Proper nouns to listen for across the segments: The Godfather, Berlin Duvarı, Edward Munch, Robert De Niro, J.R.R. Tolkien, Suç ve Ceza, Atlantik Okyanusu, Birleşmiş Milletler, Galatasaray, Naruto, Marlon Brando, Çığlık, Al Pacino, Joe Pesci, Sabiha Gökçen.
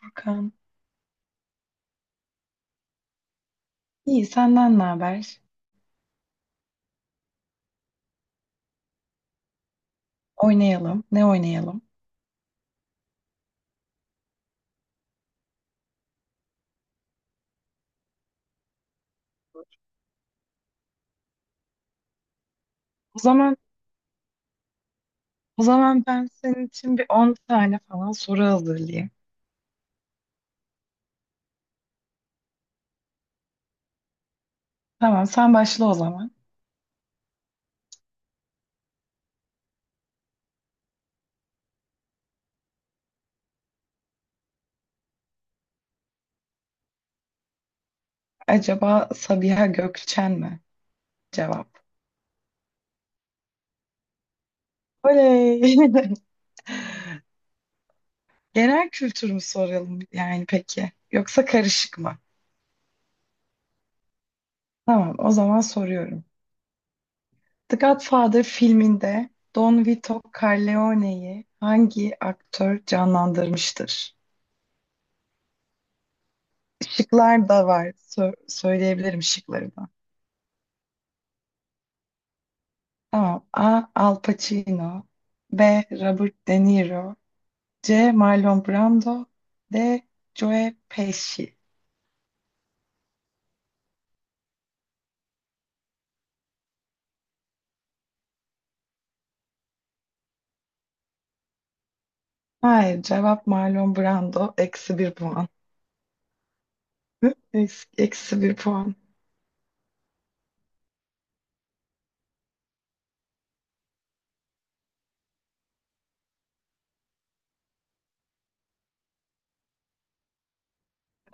Hakan. İyi senden ne haber? Oynayalım. Ne oynayalım? O zaman o zaman ben senin için bir 10 tane falan soru hazırlayayım. Tamam sen başla o zaman. Acaba Sabiha Gökçen mi? Cevap. Oley. Genel kültür mü soralım yani peki? Yoksa karışık mı? Tamam o zaman soruyorum. The Godfather filminde Don Vito Corleone'yi hangi aktör canlandırmıştır? Şıklar da var. Söyleyebilirim şıkları da. Tamam. A. Al Pacino. B. Robert De Niro. C. Marlon Brando. D. Joe Pesci. Hayır, cevap Marlon Brando. Eksi bir puan. Eksi bir puan.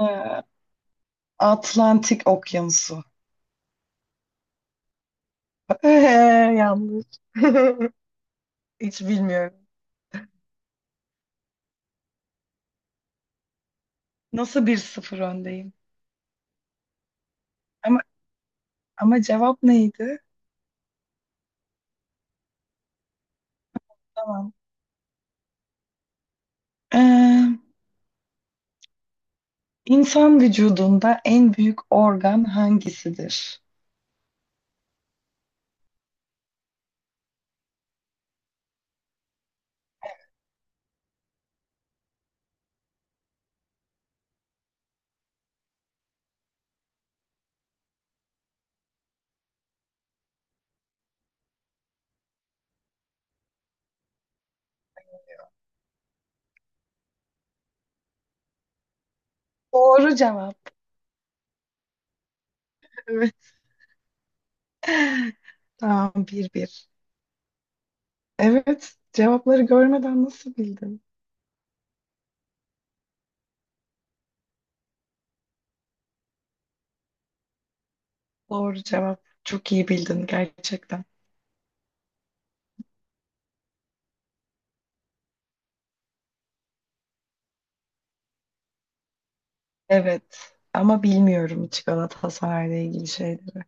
Ee, Atlantik Okyanusu. Yanlış. Hiç bilmiyorum. Nasıl 1-0 öndeyim? Ama ama cevap neydi? Tamam. Ee, İnsan vücudunda en büyük organ hangisidir? Doğru cevap. Evet, tamam 1-1. Evet, cevapları görmeden nasıl bildin? Doğru cevap. Çok iyi bildin gerçekten. Evet, ama bilmiyorum hiç Galatasaray'la ilgili şeyleri.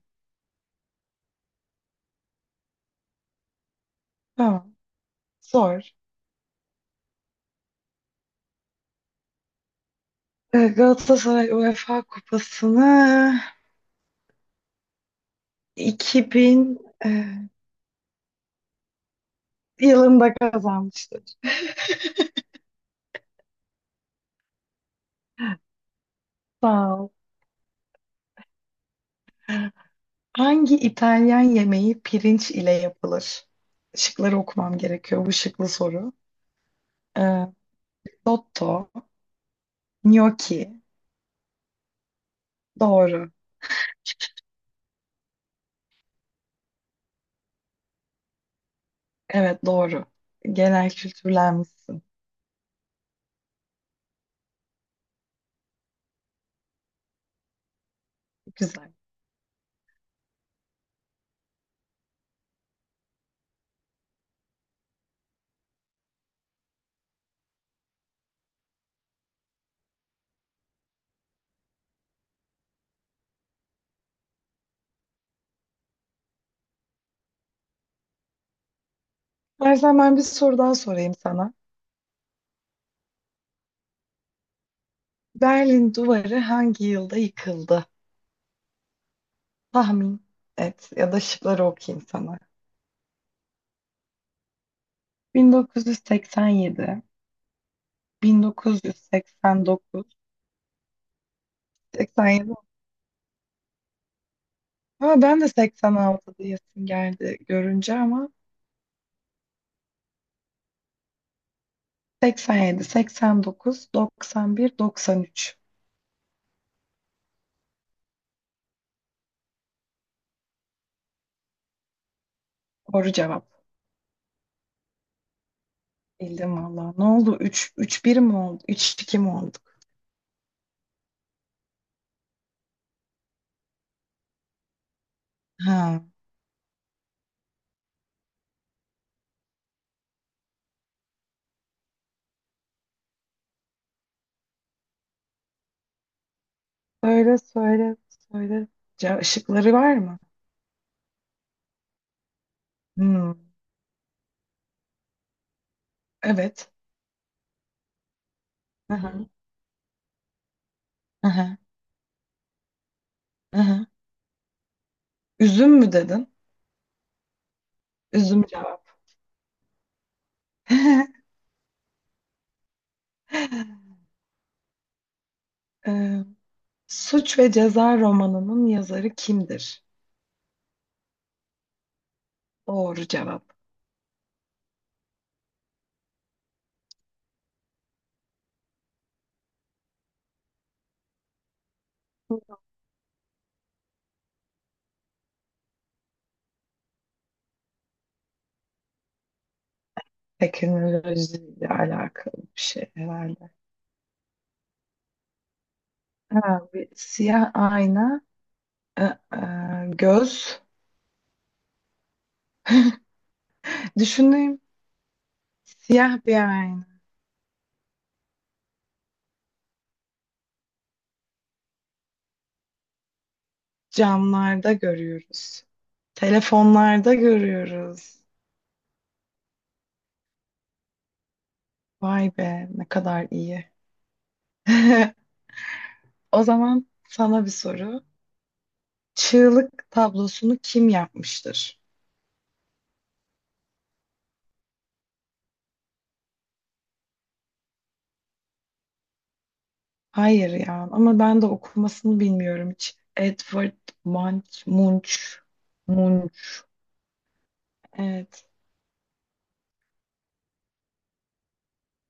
Tamam, sor. Galatasaray UEFA Kupası'nı 2000 e, yılında kazanmıştır. Sağ ol. Hangi İtalyan yemeği pirinç ile yapılır? Şıkları okumam gerekiyor. Bu şıklı soru. Ee, dotto, gnocchi. Doğru. Evet doğru. Genel kültürlenmişsin. Güzel. İstersen ben bir soru daha sorayım sana. Berlin Duvarı hangi yılda yıkıldı? Tahmin et ya da şıkları okuyayım sana. 1987, 1989, 87. Ha, ben de 86 diyesim geldi görünce ama 87, 89, 91, 93. Doğru cevap. Bildim valla. Ne oldu? 3, 3-1 mi oldu? 3-2 mi olduk? Ha. Söyle, söyle, söyle. Işıkları var mı? Hmm, evet. Aha. Aha. Aha. Üzüm mü dedin? Üzüm cevap. Ee, Suç ve Ceza romanının yazarı kimdir? Doğru cevap. Teknolojiyle alakalı bir şey herhalde. Ha, bir siyah ayna. Ee, e, Göz. Düşüneyim. Siyah bir ayna. Camlarda görüyoruz. Telefonlarda görüyoruz. Vay be ne kadar iyi. O zaman sana bir soru. Çığlık tablosunu kim yapmıştır? Hayır ya ama ben de okumasını bilmiyorum hiç. Edward Munch, Munch, Munch. Evet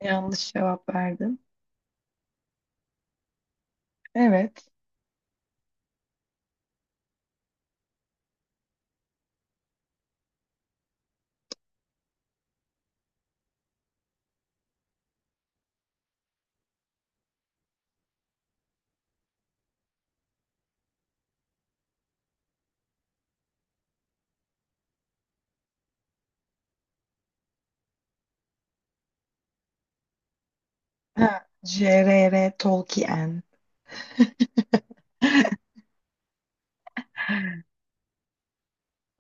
yanlış cevap verdim. Evet. Ha, J.R.R. Tolkien.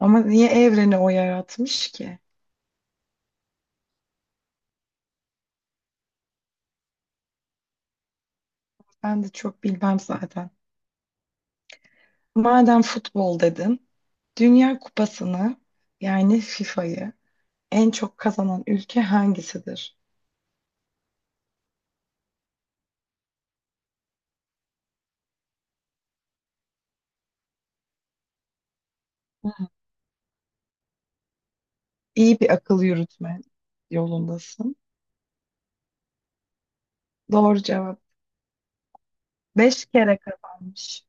Ama niye evreni o yaratmış ki? Ben de çok bilmem zaten. Madem futbol dedin, Dünya Kupası'nı yani FIFA'yı en çok kazanan ülke hangisidir? Hı. İyi bir akıl yürütme yolundasın. Doğru cevap. 5 kere kazanmış.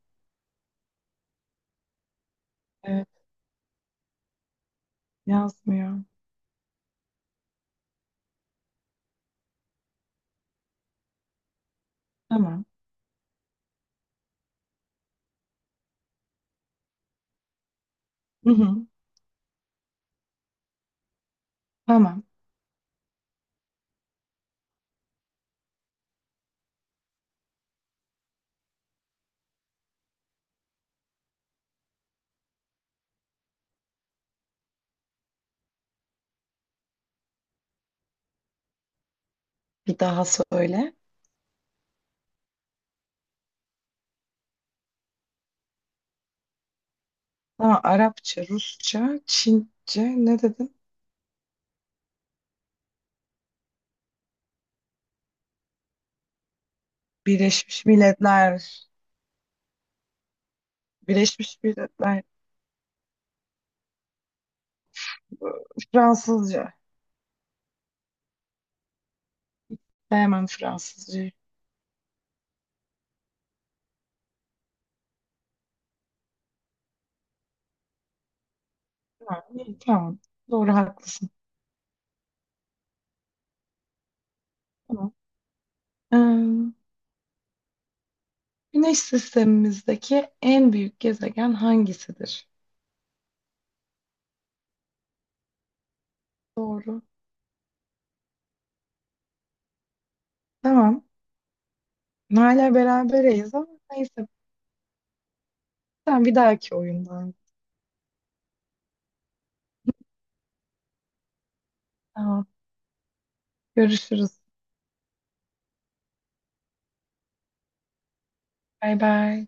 Evet, yazmıyor. Tamam. Hı hı. Tamam. Bir daha söyle. Tamam, Arapça, Rusça, Çince ne dedim? Birleşmiş Milletler. Birleşmiş Milletler. Fransızca. Sevmem Fransızcayı. Ha, iyi, tamam. Doğru haklısın. Tamam. Ee, Güneş sistemimizdeki en büyük gezegen hangisidir? Doğru. Tamam. Hala berabereyiz ama neyse. Sen bir dahaki oyundan. Tamam. Görüşürüz. Bay bay.